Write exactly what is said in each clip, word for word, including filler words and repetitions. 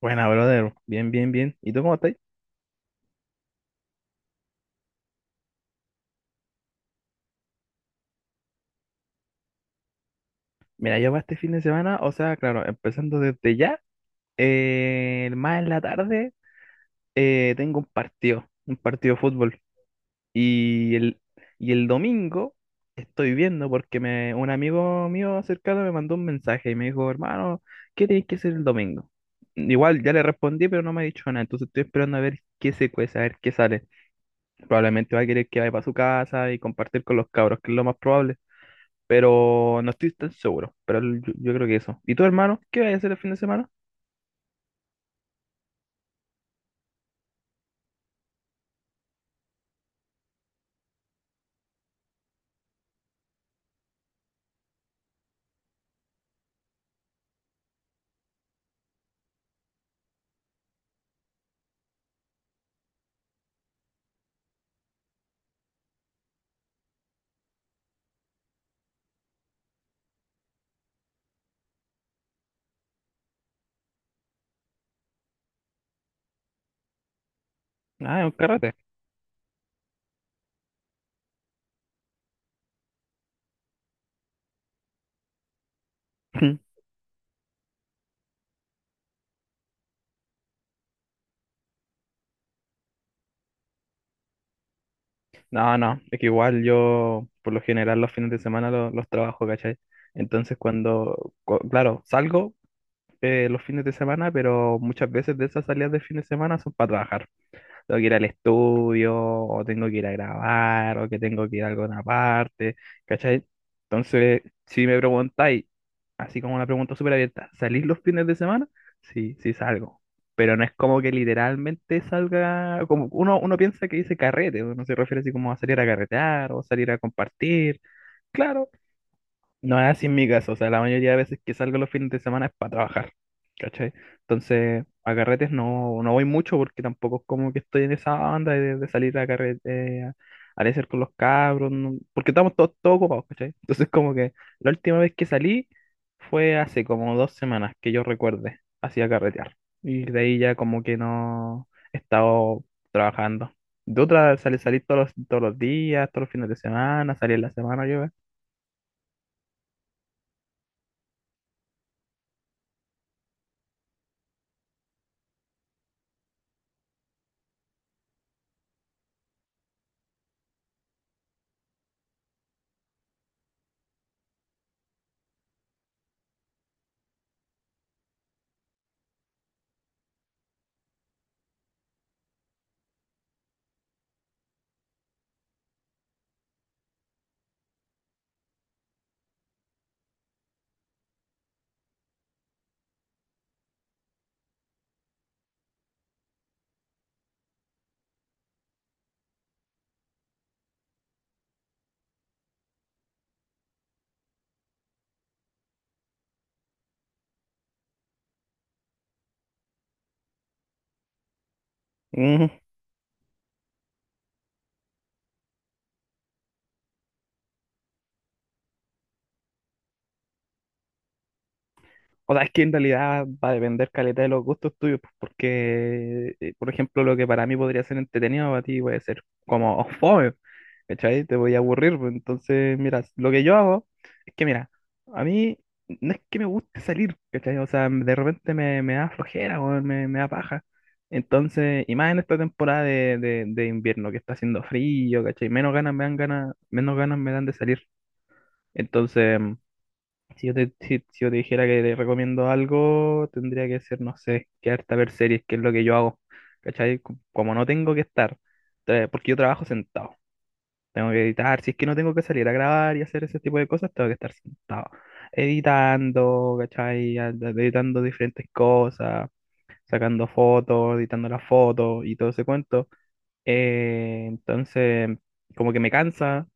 Buena, brother. Bien, bien, bien. ¿Y tú cómo estás? Mira, yo para este fin de semana, o sea, claro, empezando desde ya, eh, más en la tarde, eh, tengo un partido, un partido de fútbol. Y el, y el domingo estoy viendo porque me, un amigo mío cercano me mandó un mensaje y me dijo, hermano, ¿qué tenéis que hacer el domingo? Igual ya le respondí, pero no me ha dicho nada. Entonces estoy esperando a ver qué se cuece, a ver qué sale. Probablemente va a querer que vaya para su casa y compartir con los cabros, que es lo más probable, pero no estoy tan seguro. Pero el- yo, yo creo que eso. ¿Y tu hermano? ¿Qué vas a hacer el fin de semana? Ah, un carrete. No, no, es que igual yo por lo general los fines de semana lo- los, trabajo, ¿cachai? Entonces cuando, cu- claro, salgo eh, los fines de semana, pero muchas veces de esas salidas de fin de semana son para trabajar. Tengo que ir al estudio, o tengo que ir a grabar, o que tengo que ir a alguna parte, ¿cachai? Entonces, si me preguntáis, así como una pregunta súper abierta, ¿salís los fines de semana? Sí, sí salgo. Pero no es como que literalmente salga, como uno, uno piensa que dice carrete, uno se refiere así como a salir a carretear o salir a compartir. Claro, no es así en mi caso, o sea, la mayoría de veces que salgo los fines de semana es para trabajar, ¿cachai? Entonces, a carretes no, no voy mucho porque tampoco es como que estoy en esa banda de, de salir a carrete, a a hacer con los cabros, no- porque estamos todos, todos ocupados, ¿cachai? Entonces, como que la última vez que salí fue hace como dos semanas que yo recuerde, así a carretear. Y de ahí ya como que no he estado trabajando. De otra, salí, salí todos los, todos los días, todos los fines de semana, salí en la semana, yo. O sea, es que en realidad va a depender caleta de los gustos tuyos, pues, porque, eh, por ejemplo, lo que para mí podría ser entretenido, para ti puede ser como fome, ¿cachai? Te voy a aburrir, pues. Entonces, mira, lo que yo hago es que, mira, a mí no es que me guste salir, ¿cachai? O sea, de repente me, me da flojera, o me, me da paja. Entonces, y más en esta temporada de, de, de invierno, que está haciendo frío, ¿cachai? Menos ganas me dan ganas, menos ganas me dan de salir. Entonces, Si yo te, si, si yo te dijera que te recomiendo algo, tendría que ser, no sé, quedarte a ver series, que es lo que yo hago. ¿Cachai? Co- Como no tengo que estar, tra- porque yo trabajo sentado. Tengo que editar, si es que no tengo que salir a grabar y hacer ese tipo de cosas, tengo que estar sentado, editando, ¿cachai? A- a- Editando diferentes cosas, sacando fotos, editando las fotos y todo ese cuento. Eh, entonces, como que me cansa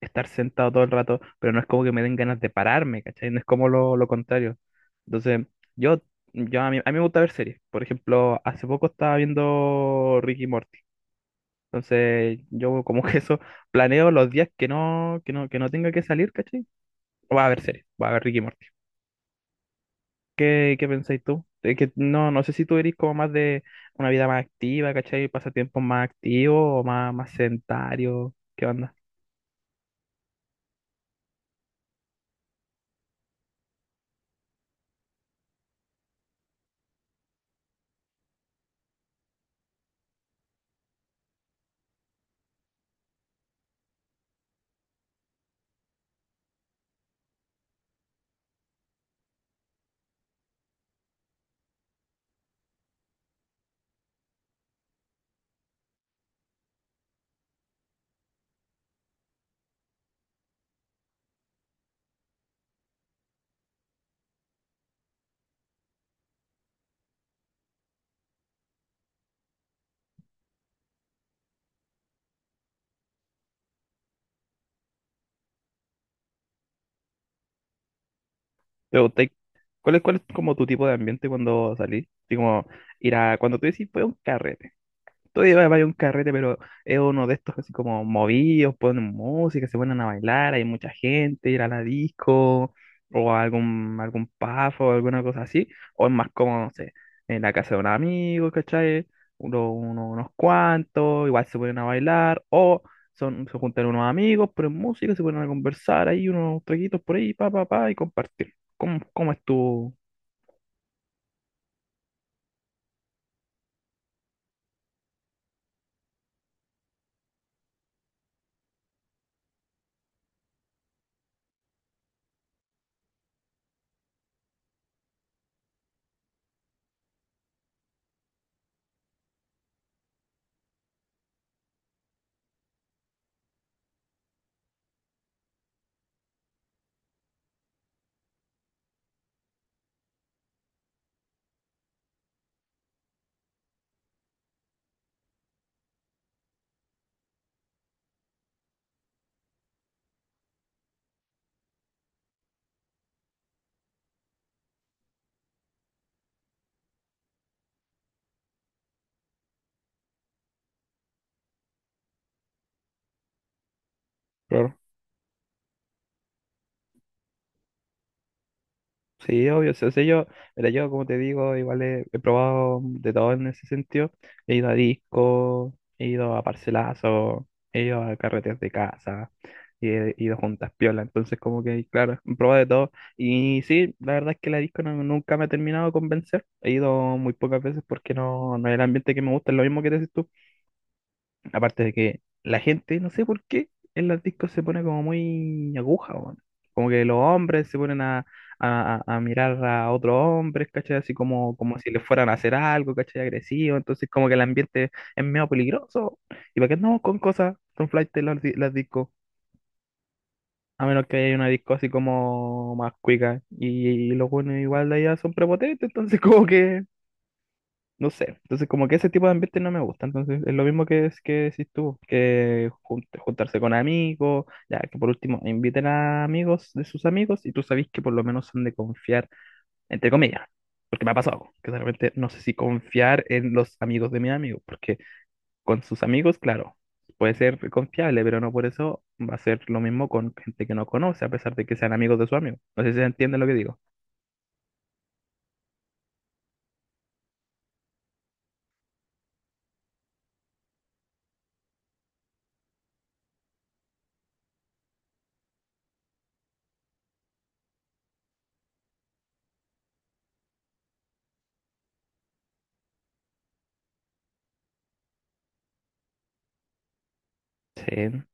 estar sentado todo el rato, pero no es como que me den ganas de pararme, ¿cachai? No es como lo, lo contrario. Entonces, yo, yo a mí, a mí me gusta ver series. Por ejemplo, hace poco estaba viendo Ricky Morty. Entonces, yo como que eso planeo los días que no, que no, que no tenga que salir, ¿cachai? Voy a ver series, voy a ver Ricky Morty. ¿Qué, qué pensáis tú? Es que no, no sé si tú eres como más de una vida más activa, ¿cachai? Pasatiempos más activos o más, más sedentarios. ¿Qué onda? Pero te- ¿Cuál es, cuál es como tu tipo de ambiente cuando salís? Así como ir a, cuando tú decís, fue un carrete, todavía vaya a un carrete, pero es uno de estos así como movidos, ponen música, se ponen a bailar, hay mucha gente, ir a la disco, o a algún, algún pub, alguna cosa así, o es más como, no sé, en la casa de un amigo, ¿cachai? Uno- uno- unos cuantos, igual se ponen a bailar, o son, se juntan unos amigos, ponen música, se ponen a conversar, ahí unos traguitos por ahí, pa, pa, pa, y compartir. ¿Cómo, cómo es tu...? Sí, obvio. Sí, o sea, yo, mira, yo como te digo, igual he, he probado de todo en ese sentido. He ido a disco, he ido a parcelazo, he ido a carreteras de casa, y he ido a juntas piola. Entonces, como que, claro, he probado de todo. Y sí, la verdad es que la disco no- nunca me ha terminado de convencer. He ido muy pocas veces porque no, no es el ambiente que me gusta, es lo mismo que dices tú. Aparte de que la gente, no sé por qué, en las discos se pone como muy aguja, weón. Como que los hombres se ponen a, a- a- a mirar a otros hombres, ¿cachai? Así como, como si les fueran a hacer algo, ¿cachai? Agresivo. Entonces como que el ambiente es medio peligroso. ¿Y para qué andamos con cosas, con flight las, di- las discos? A menos que haya una disco así como más cuica. Y, y los buenos igual de allá son prepotentes, entonces como que no sé, entonces como que ese tipo de ambiente no me gusta, entonces es lo mismo que, es- que decís tú, que jun- juntarse con amigos, ya que por último inviten a amigos de sus amigos y tú sabés que por lo menos son de confiar, entre comillas, porque me ha pasado, que de repente no sé si confiar en los amigos de mi amigo, porque con sus amigos, claro, puede ser confiable, pero no por eso va a ser lo mismo con gente que no conoce, a pesar de que sean amigos de su amigo. No sé si se entiende lo que digo. Sí,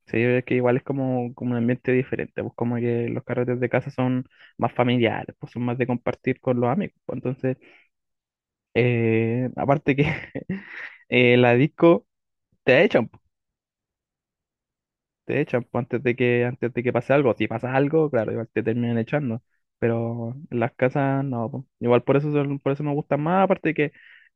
sí, es que igual es como, como un ambiente diferente, pues, como que los carretes de casa son más familiares, pues son más de compartir con los amigos, pues entonces, eh, aparte que eh, la disco te echan. Te echan pues, antes de que, antes de que pase algo. Si pasa algo, claro, igual te terminan echando. Pero en las casas no, po. Igual por eso, son- por eso me gustan más. Aparte de que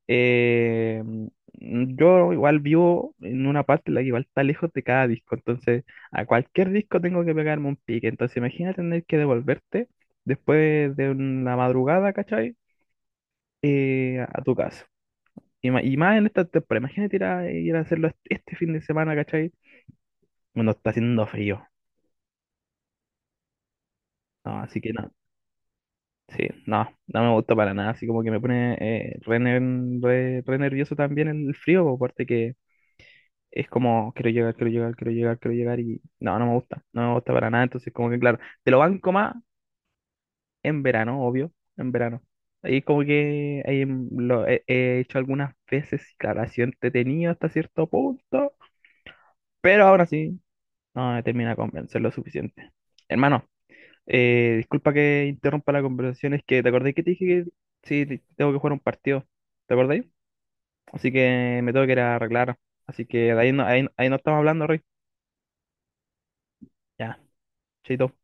eh, mm, yo igual vivo en una parte en la que igual está lejos de cada disco. Entonces a cualquier disco tengo que pegarme un pique. Entonces imagina tener que devolverte después de una madrugada, ¿cachai? Eh, a tu casa. Y ma- y más en esta temporada. Imagínate ir a, ir a hacerlo este este fin de semana, ¿cachai? Bueno, está haciendo frío. No, así que no. Sí, no, no me gusta para nada, así como que me pone eh, re, ner- re- re nervioso también el frío, aparte que es como, quiero llegar, quiero llegar, quiero llegar, quiero llegar y no, no me gusta, no me gusta para nada, entonces como que claro, te lo banco más en verano, obvio, en verano. Ahí como que ahí lo he, he hecho algunas veces y claro, ha sido entretenido hasta cierto punto, pero ahora sí, no me termina de convencer lo suficiente. Hermano. Eh, disculpa que interrumpa la conversación, es que te acordé que te dije que sí, te- tengo que jugar un partido, ¿te acordáis? Así que me tengo que ir a arreglar, así que de ahí no, ahí, ahí no estamos hablando, Roy. Ya, chaito.